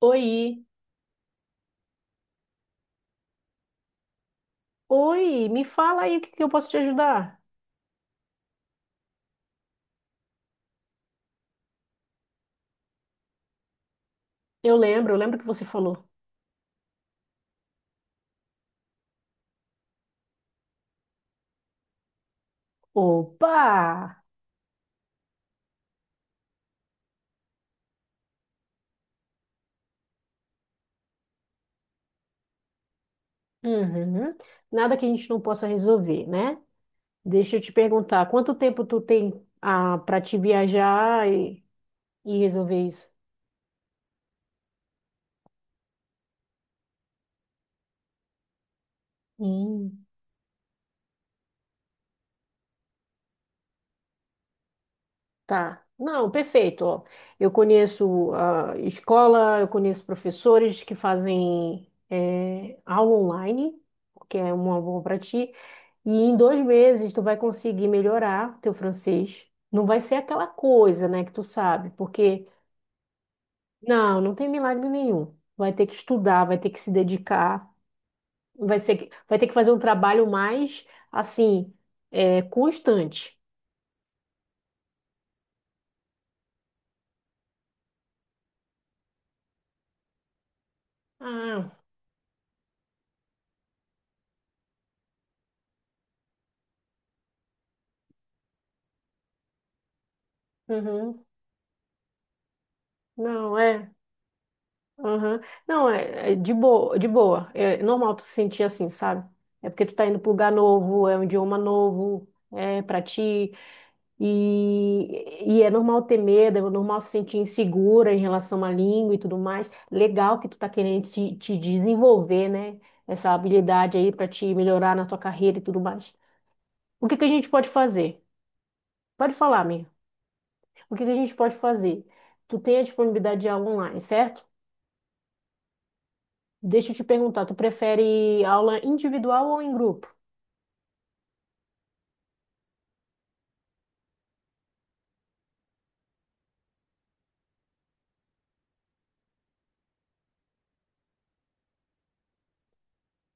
Oi, oi, me fala aí o que que eu posso te ajudar. Eu lembro que você falou. Opa! Uhum. Nada que a gente não possa resolver, né? Deixa eu te perguntar, quanto tempo tu tem para te viajar e resolver isso? Hum, tá. Não, perfeito. Ó, eu conheço a escola, eu conheço professores que fazem aula online, que é uma boa para ti. E em dois meses tu vai conseguir melhorar teu francês. Não vai ser aquela coisa, né, que tu sabe, porque não, não tem milagre nenhum. Vai ter que estudar, vai ter que se dedicar, vai ser, vai ter que fazer um trabalho mais assim, é, constante. Ah, uhum. Não, é. Uhum. Não, é, é de boa, de boa. É normal tu se sentir assim, sabe? É porque tu tá indo para lugar novo, é um idioma novo, é para ti. E é normal ter medo, é normal se sentir insegura em relação à língua e tudo mais. Legal que tu tá querendo te desenvolver, né? Essa habilidade aí para te melhorar na tua carreira e tudo mais. O que que a gente pode fazer? Pode falar, amiga. O que que a gente pode fazer? Tu tem a disponibilidade de aula online, certo? Deixa eu te perguntar, tu prefere aula individual ou em grupo?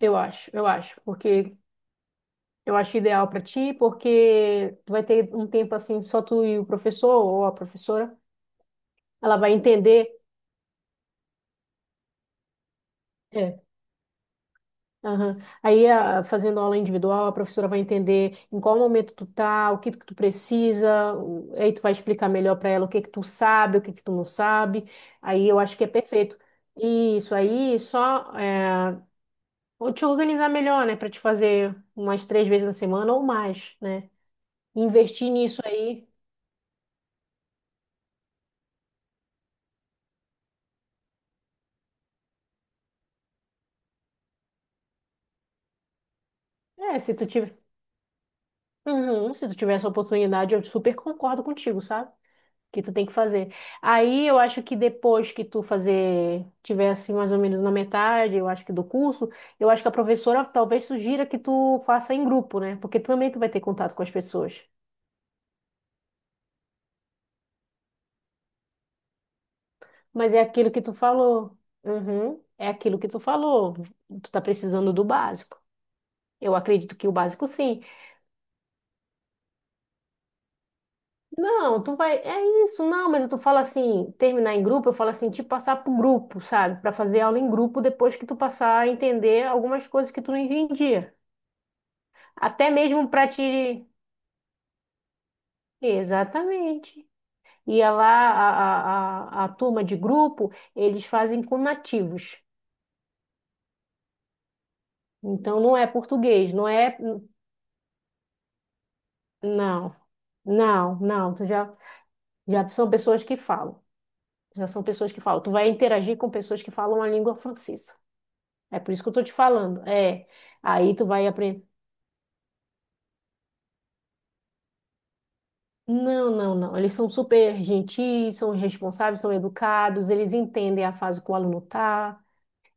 Eu acho, porque eu acho ideal para ti, porque tu vai ter um tempo assim só tu e o professor ou a professora. Ela vai entender. É. Aham. Aí, fazendo aula individual, a professora vai entender em qual momento tu tá, o que que tu precisa, aí tu vai explicar melhor para ela o que que tu sabe, o que que tu não sabe. Aí eu acho que é perfeito. Isso aí, só é, vou te organizar melhor, né, para te fazer umas três vezes na semana ou mais, né? Investir nisso aí. É, se tu tiver, uhum, se tu tiver essa oportunidade, eu super concordo contigo, sabe? Que tu tem que fazer. Aí eu acho que depois que tu fazer, tiver assim mais ou menos na metade, eu acho que do curso, eu acho que a professora talvez sugira que tu faça em grupo, né? Porque também tu vai ter contato com as pessoas. Mas é aquilo que tu falou. Uhum, é aquilo que tu falou. Tu tá precisando do básico. Eu acredito que o básico sim. Não, tu vai. É isso, não, mas tu fala assim, terminar em grupo, eu falo assim, te passar pro grupo, sabe? Pra fazer aula em grupo depois que tu passar a entender algumas coisas que tu não entendia. Até mesmo para te. Exatamente. E a lá a turma de grupo, eles fazem com nativos. Então não é português, não é. Não, não, não. Tu já, já são pessoas que falam. Já são pessoas que falam. Tu vai interagir com pessoas que falam a língua francesa. É por isso que eu tô te falando. É. Aí tu vai aprender. Não, não, não. Eles são super gentis, são responsáveis, são educados, eles entendem a fase que o aluno tá.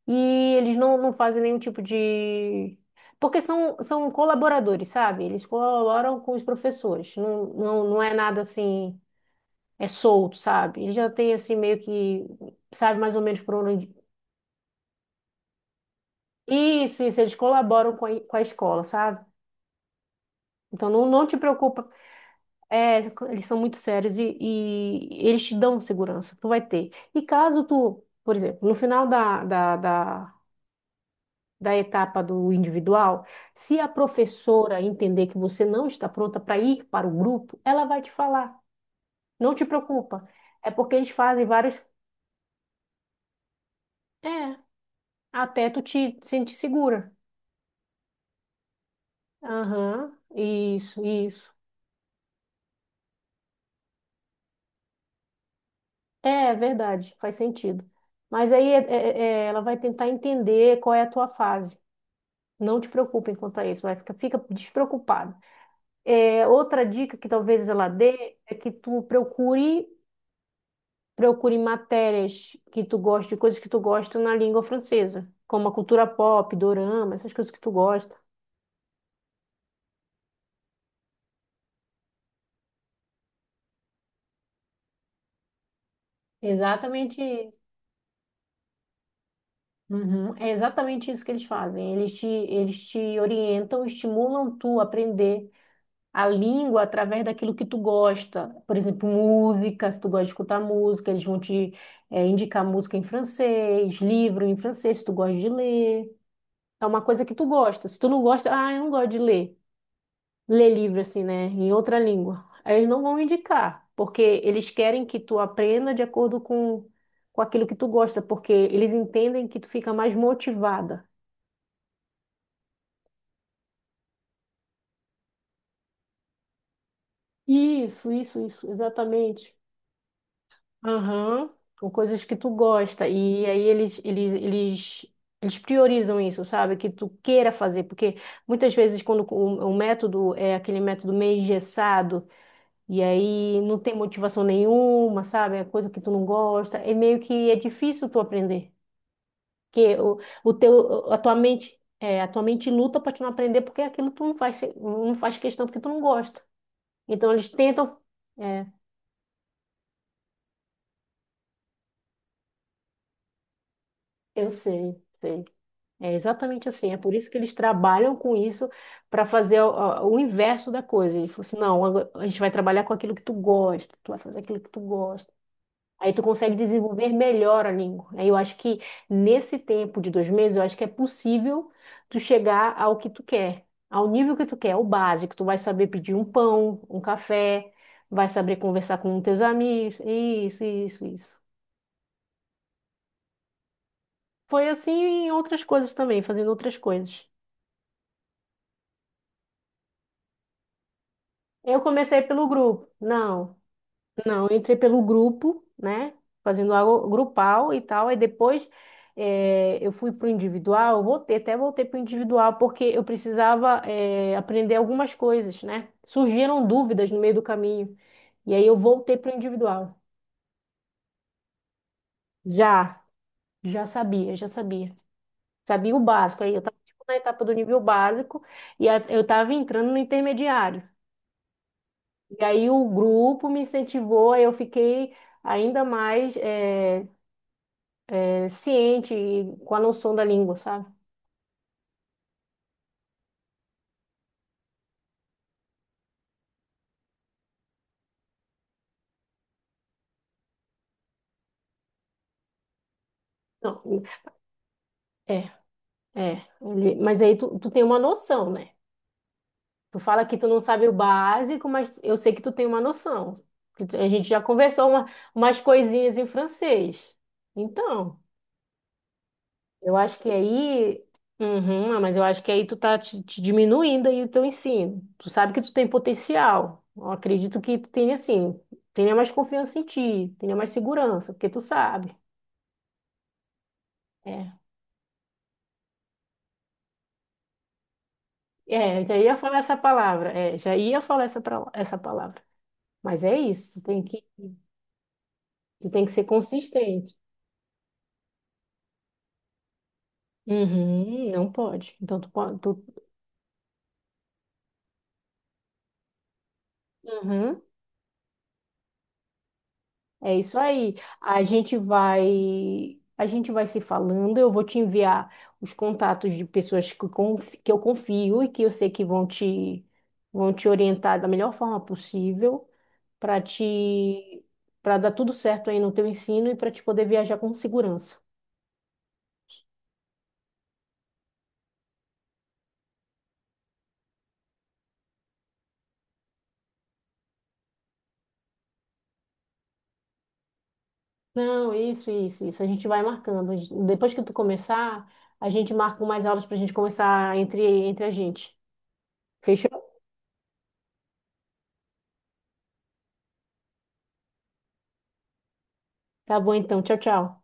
E eles não, não fazem nenhum tipo de. Porque são, são colaboradores, sabe? Eles colaboram com os professores. Não, não, não é nada assim, é solto, sabe? Eles já têm assim meio que, sabe mais ou menos por onde. Isso, eles colaboram com a escola, sabe? Então não, não te preocupa. É, eles são muito sérios e eles te dão segurança, tu vai ter. E caso tu, por exemplo, no final da etapa do individual, se a professora entender que você não está pronta para ir para o grupo, ela vai te falar. Não te preocupa. É porque eles fazem vários. É, até tu te sentir segura. Aham, isso, isso. É, é verdade, faz sentido. Mas aí é, ela vai tentar entender qual é a tua fase. Não te preocupe quanto a isso, vai fica, fica despreocupado. É, outra dica que talvez ela dê é que tu procure. Procure matérias que tu gosta, coisas que tu gosta na língua francesa, como a cultura pop, dorama, essas coisas que tu gosta. Exatamente. Isso. Uhum, é exatamente isso que eles fazem. Eles te orientam, estimulam tu a aprender a língua através daquilo que tu gosta. Por exemplo, música, se tu gosta de escutar música, eles vão te, indicar música em francês, livro em francês, se tu gosta de ler. É uma coisa que tu gosta. Se tu não gosta, ah, eu não gosto de ler. Ler livro assim, né, em outra língua. Aí eles não vão indicar, porque eles querem que tu aprenda de acordo com aquilo que tu gosta, porque eles entendem que tu fica mais motivada. Isso, exatamente. Aham. Com coisas que tu gosta. E aí eles priorizam isso, sabe? Que tu queira fazer, porque muitas vezes quando o método é aquele método meio engessado, e aí não tem motivação nenhuma, sabe? É coisa que tu não gosta. É meio que é difícil tu aprender. Porque a tua mente, é, a tua mente luta para tu não aprender porque aquilo tu não faz, não faz questão porque tu não gosta. Então eles tentam. É, eu sei, sei. É exatamente assim. É por isso que eles trabalham com isso para fazer o inverso da coisa. Ele falou assim: não, agora a gente vai trabalhar com aquilo que tu gosta, tu vai fazer aquilo que tu gosta. Aí tu consegue desenvolver melhor a língua. Aí eu acho que nesse tempo de dois meses, eu acho que é possível tu chegar ao que tu quer, ao nível que tu quer, o básico. Tu vai saber pedir um pão, um café, vai saber conversar com teus amigos. Isso, isso, isso. Foi assim em outras coisas também, fazendo outras coisas. Eu comecei pelo grupo. Não. Não, eu entrei pelo grupo, né? Fazendo algo grupal e tal. Aí depois eu fui para o individual, eu voltei, até voltei para o individual, porque eu precisava aprender algumas coisas, né? Surgiram dúvidas no meio do caminho. E aí eu voltei para o individual. Já, já sabia, já sabia. Sabia o básico. Aí eu estava na etapa do nível básico eu estava entrando no intermediário. E aí o grupo me incentivou, aí eu fiquei ainda mais. Ciente e com a noção da língua, sabe? Não, é, é. Mas aí tu, tu tem uma noção, né? Tu fala que tu não sabe o básico, mas eu sei que tu tem uma noção. A gente já conversou umas coisinhas em francês. Então, eu acho que aí. Uhum, ah, mas eu acho que aí tu tá te, te diminuindo aí o teu ensino. Tu sabe que tu tem potencial. Eu acredito que tu tenha, assim, tenha mais confiança em ti, tenha mais segurança, porque tu sabe. É. É, já ia falar essa palavra. É, já ia falar essa, essa palavra. Mas é isso, tu tem que ser consistente. Uhum, não pode. Então tu pode, tu, uhum, é isso aí. A gente vai se falando, eu vou te enviar os contatos de pessoas que, que eu confio e que eu sei que vão te orientar da melhor forma possível para te para dar tudo certo aí no teu ensino e para te poder viajar com segurança. Não, isso, isso, isso. A gente vai marcando. Depois que tu começar, a gente marca mais aulas pra gente começar entre, entre a gente. Fechou? Tá bom então. Tchau, tchau.